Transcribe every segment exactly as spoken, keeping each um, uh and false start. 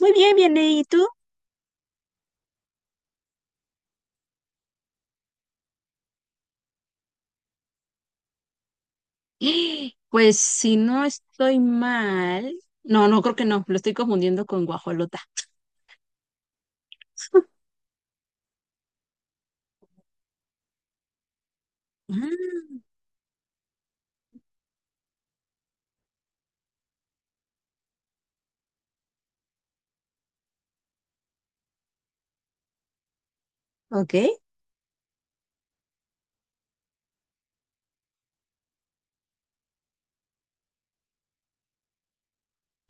Muy bien, bien, ¿y tú? Pues si no estoy mal, no, no creo que no, lo estoy confundiendo con guajolota. Ah, ok.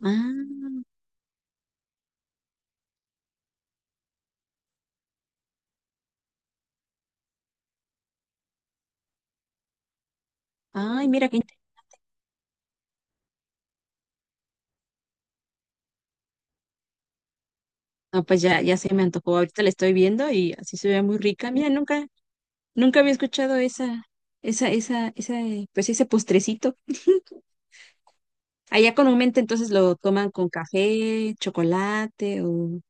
Ah, ay, mira qué inte- no, pues ya, ya se me antojó. Ahorita la estoy viendo y así se ve muy rica. Mira, nunca, nunca había escuchado esa, esa, esa, esa, eh, pues ese postrecito. Allá comúnmente entonces lo toman con café, chocolate o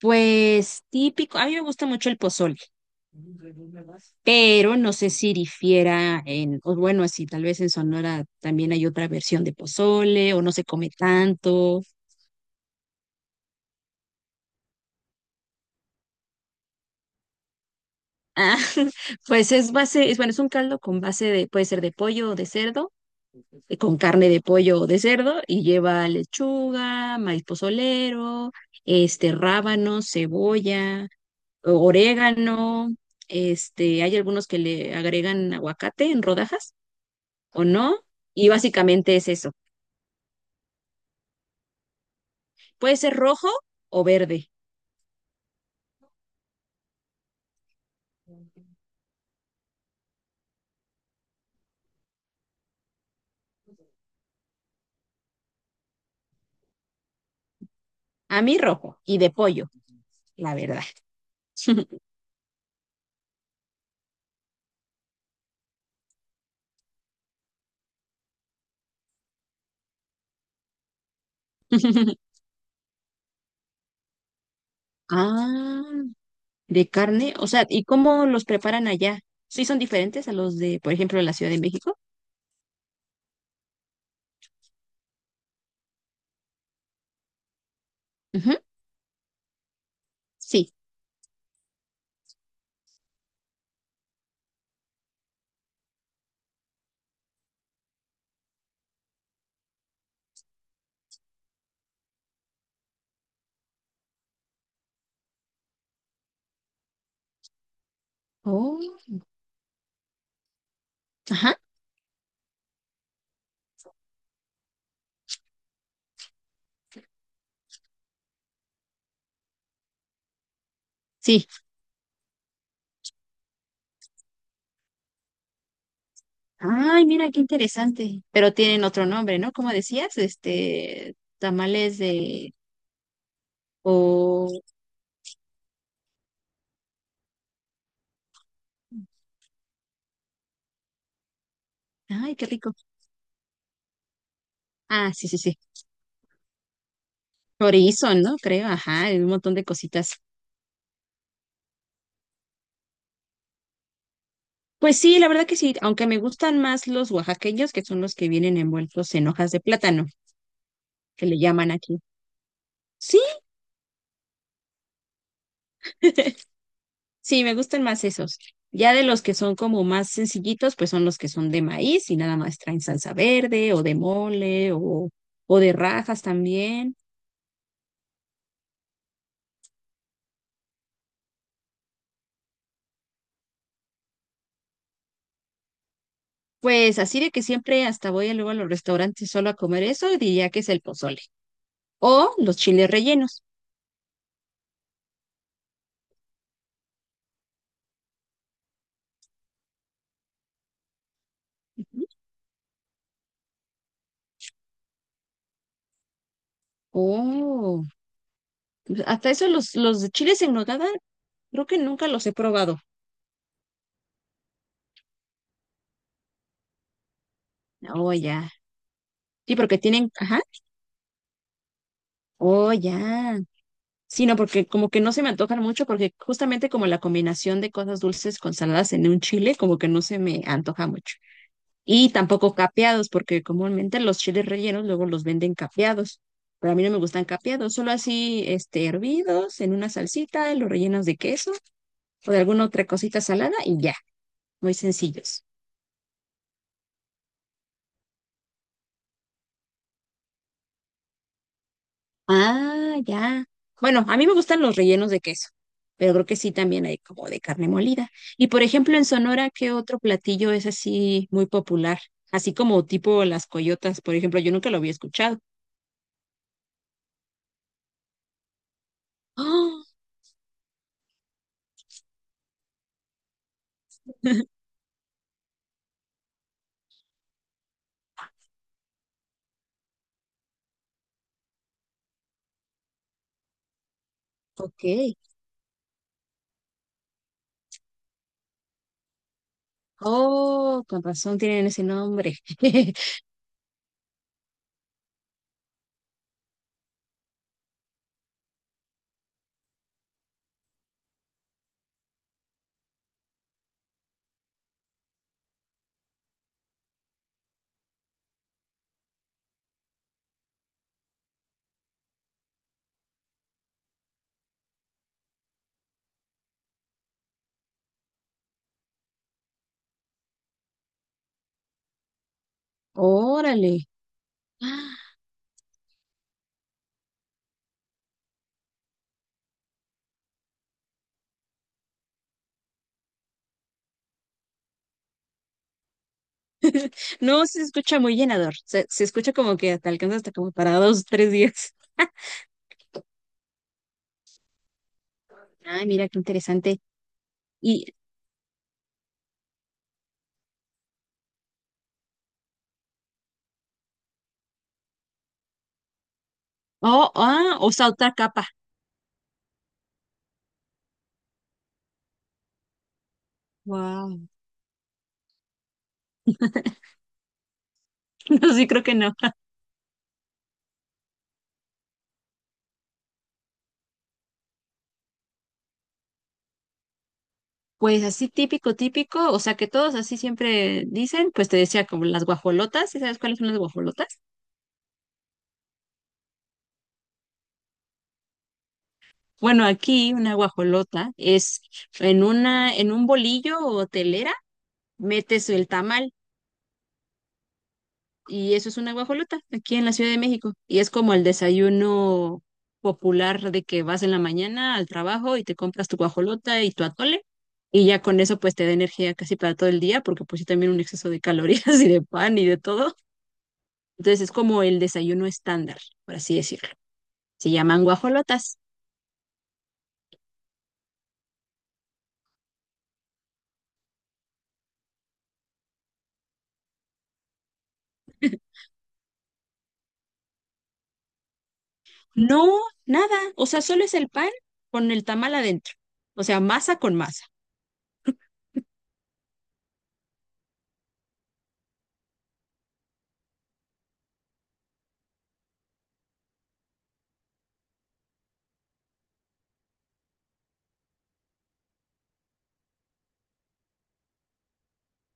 pues típico. A mí me gusta mucho el pozole. Pero no sé si difiera en, o bueno, así tal vez en Sonora también hay otra versión de pozole o no se come tanto. Ah, pues es base, es bueno, es un caldo con base de, puede ser de pollo o de cerdo, eh, con carne de pollo o de cerdo y lleva lechuga, maíz pozolero, este rábano, cebolla, o- orégano, este, hay algunos que le agregan aguacate en rodajas o no, y básicamente es eso. Puede ser rojo o verde. A mí rojo y de pollo, la verdad. Ah, de carne. O sea, ¿y cómo los preparan allá? ¿Sí son diferentes a los de, por ejemplo, la Ciudad de México? Ujú. Sí. Oh, ajá. Sí. Ay, mira qué interesante. Pero tienen otro nombre, ¿no? Como decías, este, tamales de, o, ay, qué rico. Ah, sí, sí, sí. Chorizo, ¿no? Creo, ajá, y un montón de cositas. Pues sí, la verdad que sí, aunque me gustan más los oaxaqueños, que son los que vienen envueltos en hojas de plátano, que le llaman aquí. Sí, sí, me gustan más esos. Ya de los que son como más sencillitos, pues son los que son de maíz y nada más traen salsa verde o de mole o, o de rajas también. Pues así de que siempre hasta voy luego a los restaurantes solo a comer eso, diría que es el pozole o los chiles rellenos. Ujú. Oh, pues hasta eso los, los de chiles en nogada, creo que nunca los he probado. Oh, ya. Sí, porque tienen, ajá, oh, ya. Sí, no, porque como que no se me antojan mucho, porque justamente como la combinación de cosas dulces con saladas en un chile, como que no se me antoja mucho. Y tampoco capeados, porque comúnmente los chiles rellenos luego los venden capeados. Pero a mí no me gustan capeados, solo así, este, hervidos en una salsita, los rellenos de queso o de alguna otra cosita salada y ya, muy sencillos. Ah, ya. Bueno, a mí me gustan los rellenos de queso, pero creo que sí también hay como de carne molida. Y por ejemplo, en Sonora, ¿qué otro platillo es así muy popular? Así como tipo las coyotas, por ejemplo, yo nunca lo había escuchado. Oh, ok. Oh, con razón tienen ese nombre. Órale. Ah, no, se escucha muy llenador. Se, se escucha como que te alcanza hasta como para dos, tres días. Ay, mira qué interesante. Y, oh, ah, o saltar capa. Wow. No, sí, creo que no. Pues así típico, típico, o sea que todos así siempre dicen, pues te decía como las guajolotas, ¿sí sabes cuáles son las guajolotas? Bueno, aquí una guajolota es en una, en un bolillo o telera, metes el tamal y eso es una guajolota aquí en la Ciudad de México. Y es como el desayuno popular de que vas en la mañana al trabajo y te compras tu guajolota y tu atole. Y ya con eso pues te da energía casi para todo el día, porque pues sí también un exceso de calorías y de pan y de todo. Entonces es como el desayuno estándar, por así decirlo. Se llaman guajolotas. No, nada. O sea, solo es el pan con el tamal adentro. O sea, masa con masa.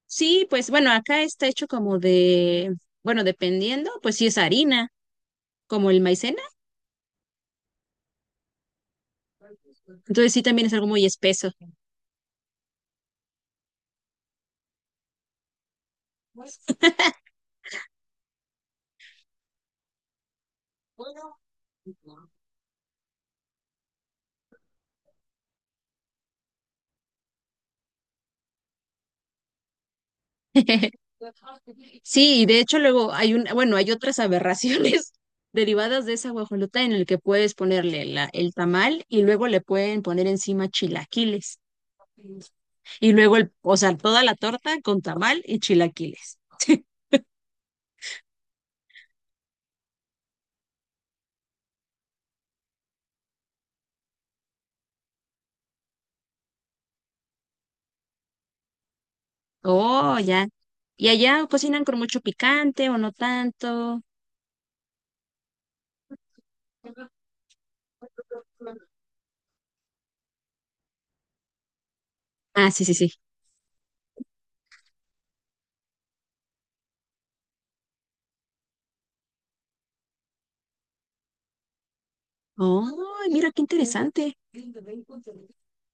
Sí, pues bueno, acá está hecho como de, bueno, dependiendo, pues sí es harina, como el maicena. Entonces sí también es algo muy espeso. Sí, y de hecho luego hay un, bueno, hay otras aberraciones derivadas de esa guajolota en el que puedes ponerle la, el tamal y luego le pueden poner encima chilaquiles. Y luego, el, o sea, toda la torta con tamal y chilaquiles. Oh, ya. ¿Y allá cocinan con mucho picante o no tanto? Ah, sí, sí, sí. Oh, mira qué interesante.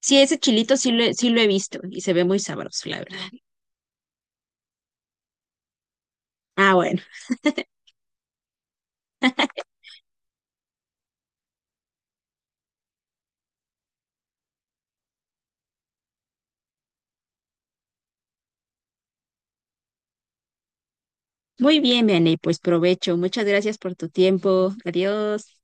Sí, ese chilito sí lo, he- sí lo he visto y se ve muy sabroso, la verdad. Ah, bueno. Muy bien, Vianney, pues provecho. Muchas gracias por tu tiempo. Adiós.